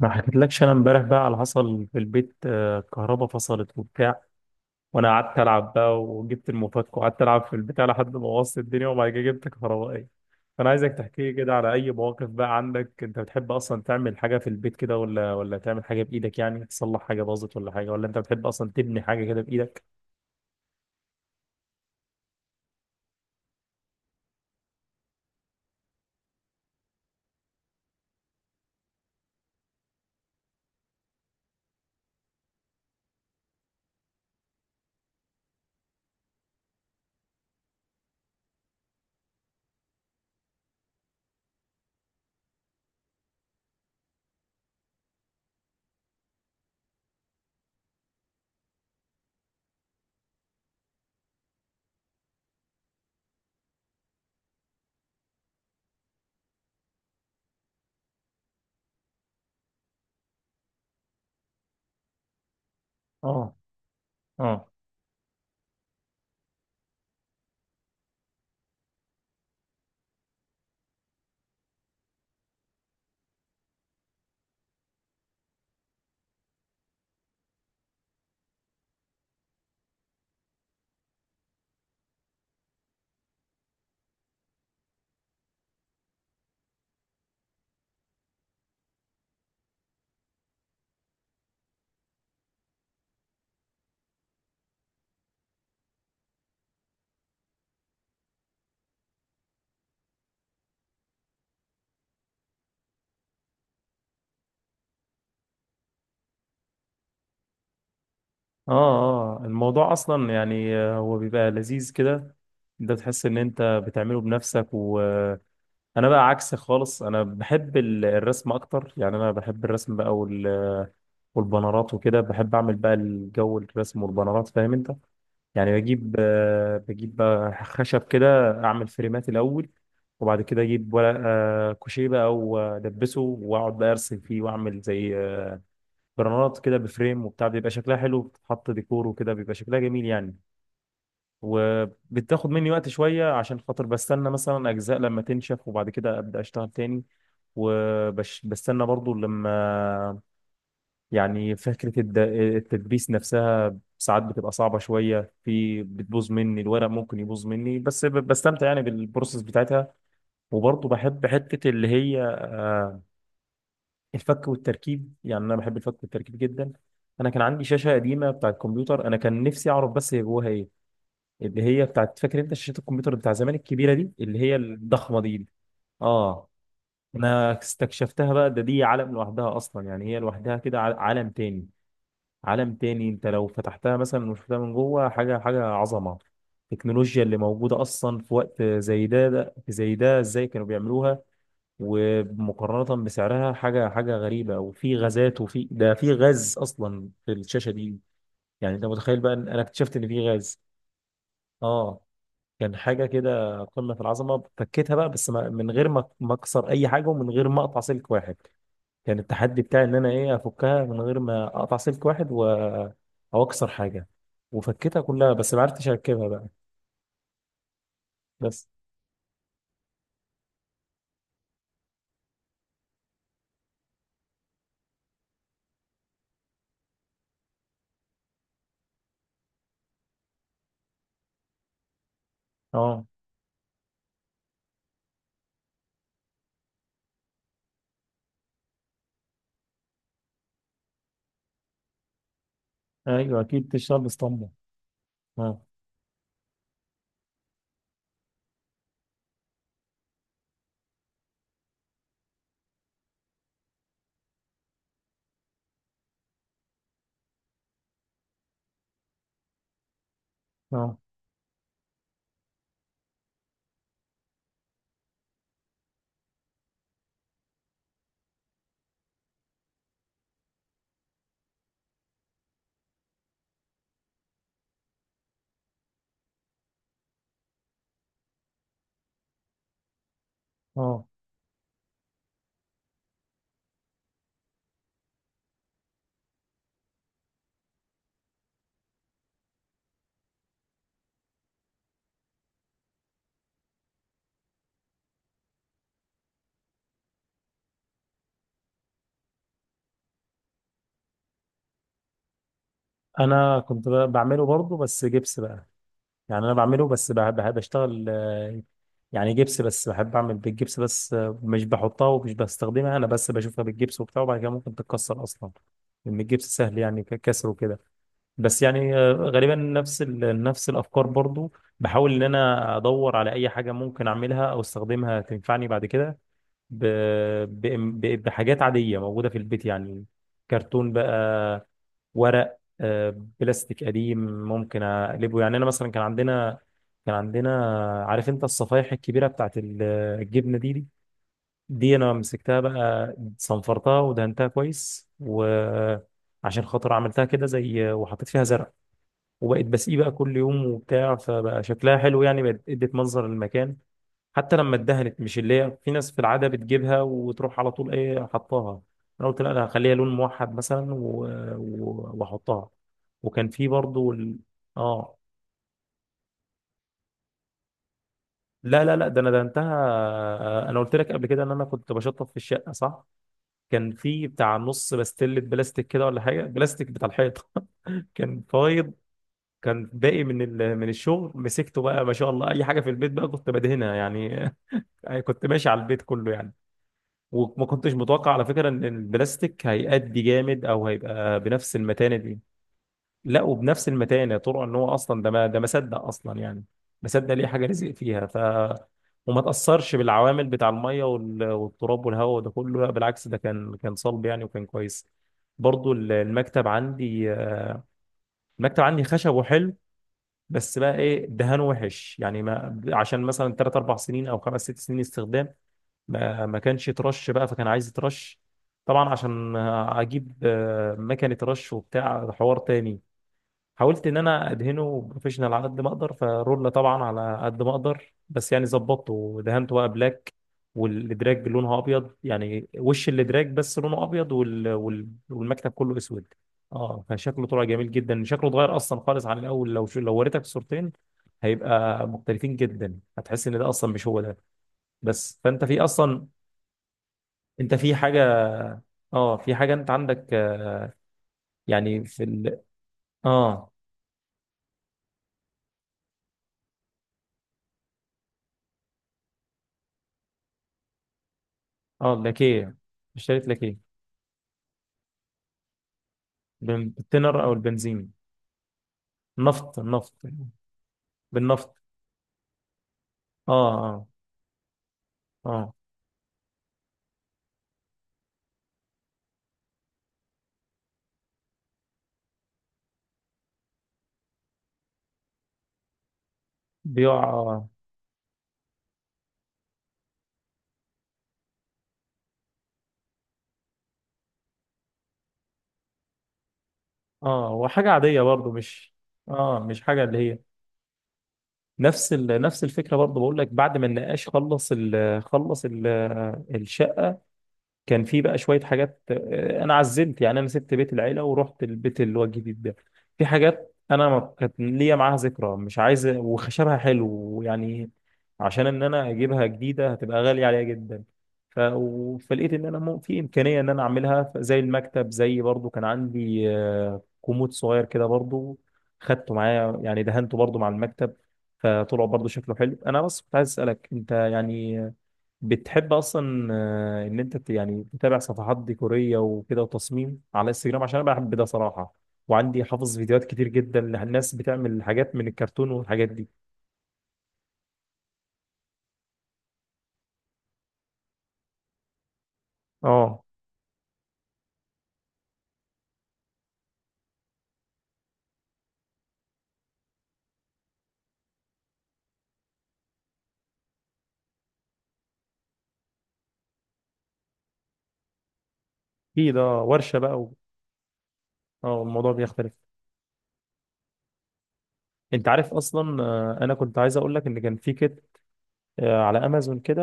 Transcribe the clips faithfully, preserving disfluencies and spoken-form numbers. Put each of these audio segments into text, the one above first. ما حكيتلكش انا امبارح بقى على حصل في البيت، آه، الكهرباء فصلت وبتاع، وانا قعدت العب بقى وجبت المفك وقعدت العب في البتاع لحد ما وصلت الدنيا، وبعد كده جبت كهربائي. فانا عايزك تحكي لي كده على اي مواقف بقى عندك، انت بتحب اصلا تعمل حاجه في البيت كده ولا ولا تعمل حاجه بايدك، يعني تصلح حاجه باظت ولا حاجه، ولا انت بتحب اصلا تبني حاجه كده بايدك؟ اه اه اه اه، الموضوع اصلا يعني آه، هو بيبقى لذيذ كده، انت تحس ان انت بتعمله بنفسك و... انا بقى عكسك خالص، انا بحب ال- الرسم اكتر، يعني انا بحب الرسم بقى وال- والبنرات وكده، بحب اعمل بقى الجو الرسم والبنرات، فاهم انت؟ يعني بجيب آه، بجيب بقى خشب كده، اعمل فريمات الاول، وبعد كده اجيب ورق آه، كوشيه بقى والبسه، واقعد بقى ارسم فيه، واعمل زي آه، بنرات كده بفريم وبتاع، بيبقى شكلها حلو، بتتحط ديكور وكده بيبقى شكلها جميل يعني. وبتاخد مني وقت شوية عشان خاطر بستنى مثلا أجزاء لما تنشف وبعد كده أبدأ أشتغل تاني. وبستنى برضو لما، يعني فكرة الد- التدبيس نفسها ساعات بتبقى صعبة شوية، في بتبوظ مني الورق، ممكن يبوظ مني، بس ب- بستمتع يعني بالبروسيس بتاعتها. وبرضو بحب حتة اللي هي آه، الفك والتركيب، يعني أنا بحب الفك والتركيب جدا. أنا كان عندي شاشة قديمة بتاعت كمبيوتر، أنا كان نفسي أعرف بس هي جواها إيه، اللي هي بتاعت، فاكر انت شاشات الكمبيوتر بتاع زمان الكبيره دي، اللي هي الضخمه دي دي. اه انا استكشفتها بقى، ده دي عالم لوحدها اصلا يعني، هي لوحدها كده، ع- عالم تاني، عالم تاني. انت لو فتحتها مثلا وشفتها من جوه حاجه، حاجه عظمه. التكنولوجيا اللي موجوده اصلا في وقت زي ده, ده زي ده ازاي كانوا بيعملوها؟ ومقارنه بسعرها حاجه، حاجه غريبه. وفي غازات، وفي ده، في غاز اصلا في الشاشه دي، يعني انت متخيل بقى ان انا اكتشفت ان في غاز؟ اه كان حاجة كده قمة في العظمة. فكيتها بقى بس ما- من غير ما ما أكسر أي حاجة ومن غير ما أقطع سلك واحد. كان التحدي بتاعي إن أنا إيه أفكها من غير ما أقطع سلك واحد و... أو أكسر حاجة. وفكيتها كلها بس ما عرفتش أركبها بقى. بس أه أيوه، أكيد تشتغل باسطمبة. أه أه أه. أنا كنت بقى بعمله برضه، بس جبس بقى. يعني انا بعمله بس بحب بحب اشتغل آه، يعني جبس، بس بحب اعمل بالجبس بس. آه، مش بحطها ومش بستخدمها، انا بس بشوفها بالجبس وبتاع، وبعد كده ممكن تتكسر اصلا، لان الجبس سهل يعني ك- كسره كده. بس يعني آه، غالبا نفس ال- نفس الافكار برضو. بحاول ان انا ادور على اي حاجه ممكن اعملها او استخدمها تنفعني بعد كده، ب- ب- ب- بحاجات عاديه موجوده في البيت يعني، كرتون بقى، ورق، آه، بلاستيك قديم، ممكن اقلبه. يعني انا مثلا كان عندنا كان عندنا عارف انت الصفايح الكبيره بتاعت ال- الجبنه دي دي دي انا مسكتها بقى، صنفرتها ودهنتها كويس، وعشان خاطر عملتها كده زي، وحطيت فيها زرع. وبقيت بسقيه بقى كل يوم وبتاع، فبقى شكلها حلو يعني، بقت ادت منظر للمكان. حتى لما اتدهنت، مش اللي هي في ناس في العاده بتجيبها وتروح على طول ايه حطاها، انا قلت لا، انا هخليها لون موحد مثلا و- و- واحطها. وكان في برضو ال... اه لا لا لا، ده انا ده انتهى. انا قلت لك قبل كده ان انا كنت بشطف في الشقه، صح؟ كان في بتاع نص بستله بلاستيك كده ولا حاجه، بلاستيك بتاع الحيطه. كان فايض، كان باقي من ال... من الشغل. مسكته بقى ما شاء الله، اي حاجه في البيت بقى كنت بدهنها يعني. كنت ماشي على البيت كله يعني. وما كنتش متوقع على فكرة ان البلاستيك هيأدي جامد، او هيبقى بنفس المتانة دي. لا، وبنفس المتانة، طرق، ان هو اصلا ده ما ده ما صدق اصلا يعني، ما صدق ليه حاجة رزق فيها. ف وما تأثرش بالعوامل بتاع المية وال- والتراب والهواء وده كله، لا بالعكس ده كان كان صلب يعني وكان كويس. برضو ال- المكتب عندي آه، المكتب عندي خشب وحلو، بس بقى ايه دهان وحش يعني، ما عشان مثلا تلات اربع سنين او خمس ست سنين استخدام، ما ما كانش ترش بقى، فكان عايز ترش. طبعا عشان اجيب آه، مكنه رش وبتاع حوار تاني. حاولت ان انا ادهنه بروفيشنال على قد ما اقدر، فرولة طبعا على قد ما اقدر، بس يعني ظبطته ودهنته بقى بلاك، والادراج لونها ابيض، يعني وش الادراج بس لونه ابيض، وال... وال... والمكتب كله اسود. اه فشكله طلع جميل جدا، شكله اتغير اصلا خالص عن الاول. لو شو، لو وريتك الصورتين هيبقى مختلفين جدا، هتحس ان ده اصلا مش هو ده. بس فانت في اصلا، انت في حاجه؟ اه في حاجه انت عندك آه، يعني في ال، اه اه اللاكيه، اشتريت لاكيه. بن- بالتنر او البنزين. النفط النفط. بالنفط. اه اه اه. بيقع اه. اه وحاجه عاديه برضو مش، اه مش حاجه اللي هي، نفس ال... نفس الفكره برضو. بقول لك بعد ما النقاش خلص ال... خلص ال... الشاي. كان في بقى شوية حاجات آه، أنا عزلت يعني، أنا سبت بيت العيلة ورحت البيت اللي هو الجديد ده، في حاجات أنا ما كانت ليا معاها ذكرى، مش عايز، وخشبها حلو يعني، عشان إن أنا أجيبها جديدة هتبقى غالية عليا جدا. ف... و- فلقيت إن أنا مو- في إمكانية إن أنا أعملها، ف- زي المكتب، زي برضو كان عندي آه، كومود صغير كده برضو، خدته معايا يعني، دهنته برضو مع المكتب. فطلع برضو شكله حلو. أنا بس كنت عايز أسألك أنت يعني، بتحب اصلا آه، ان انت ت- يعني تتابع صفحات ديكوريه وكده وتصميم على انستجرام؟ عشان انا بحب ده صراحه، وعندي حافظ فيديوهات كتير جدا للناس بتعمل حاجات من الكرتون والحاجات دي. اه في ده ورشه بقى و... اه الموضوع بيختلف. انت عارف اصلا آه، انا كنت عايز اقول لك ان كان في كده آه، على امازون كده،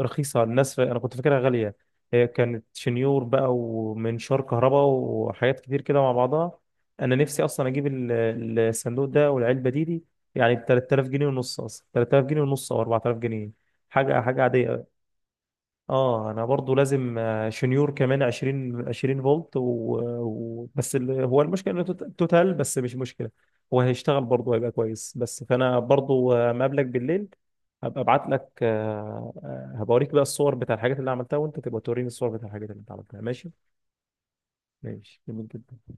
رخيصه الناس، انا كنت فاكرها غاليه. هي كانت شنيور بقى ومنشار كهرباء وحاجات كتير كده مع بعضها، انا نفسي اصلا اجيب ال- ال- الصندوق ده والعلبه دي دي يعني ب تلات آلاف جنيه ونص، اصلا تلات آلاف جنيه ونص او اربعة آلاف جنيه، حاجه حاجه عاديه. اه انا برضو لازم آه، شنيور كمان عشرين عشرين فولت و... و... بس ال... هو المشكله انه توت- توتال، بس مش مشكله، هو هيشتغل برضو هيبقى كويس. بس فانا برضو آه، مقابلك بالليل، هبقى ابعت لك آه، آه، هبوريك بقى الصور بتاع الحاجات اللي عملتها، وانت تبقى توريني الصور بتاع الحاجات اللي انت عملتها، ماشي؟ ماشي جميل جدا.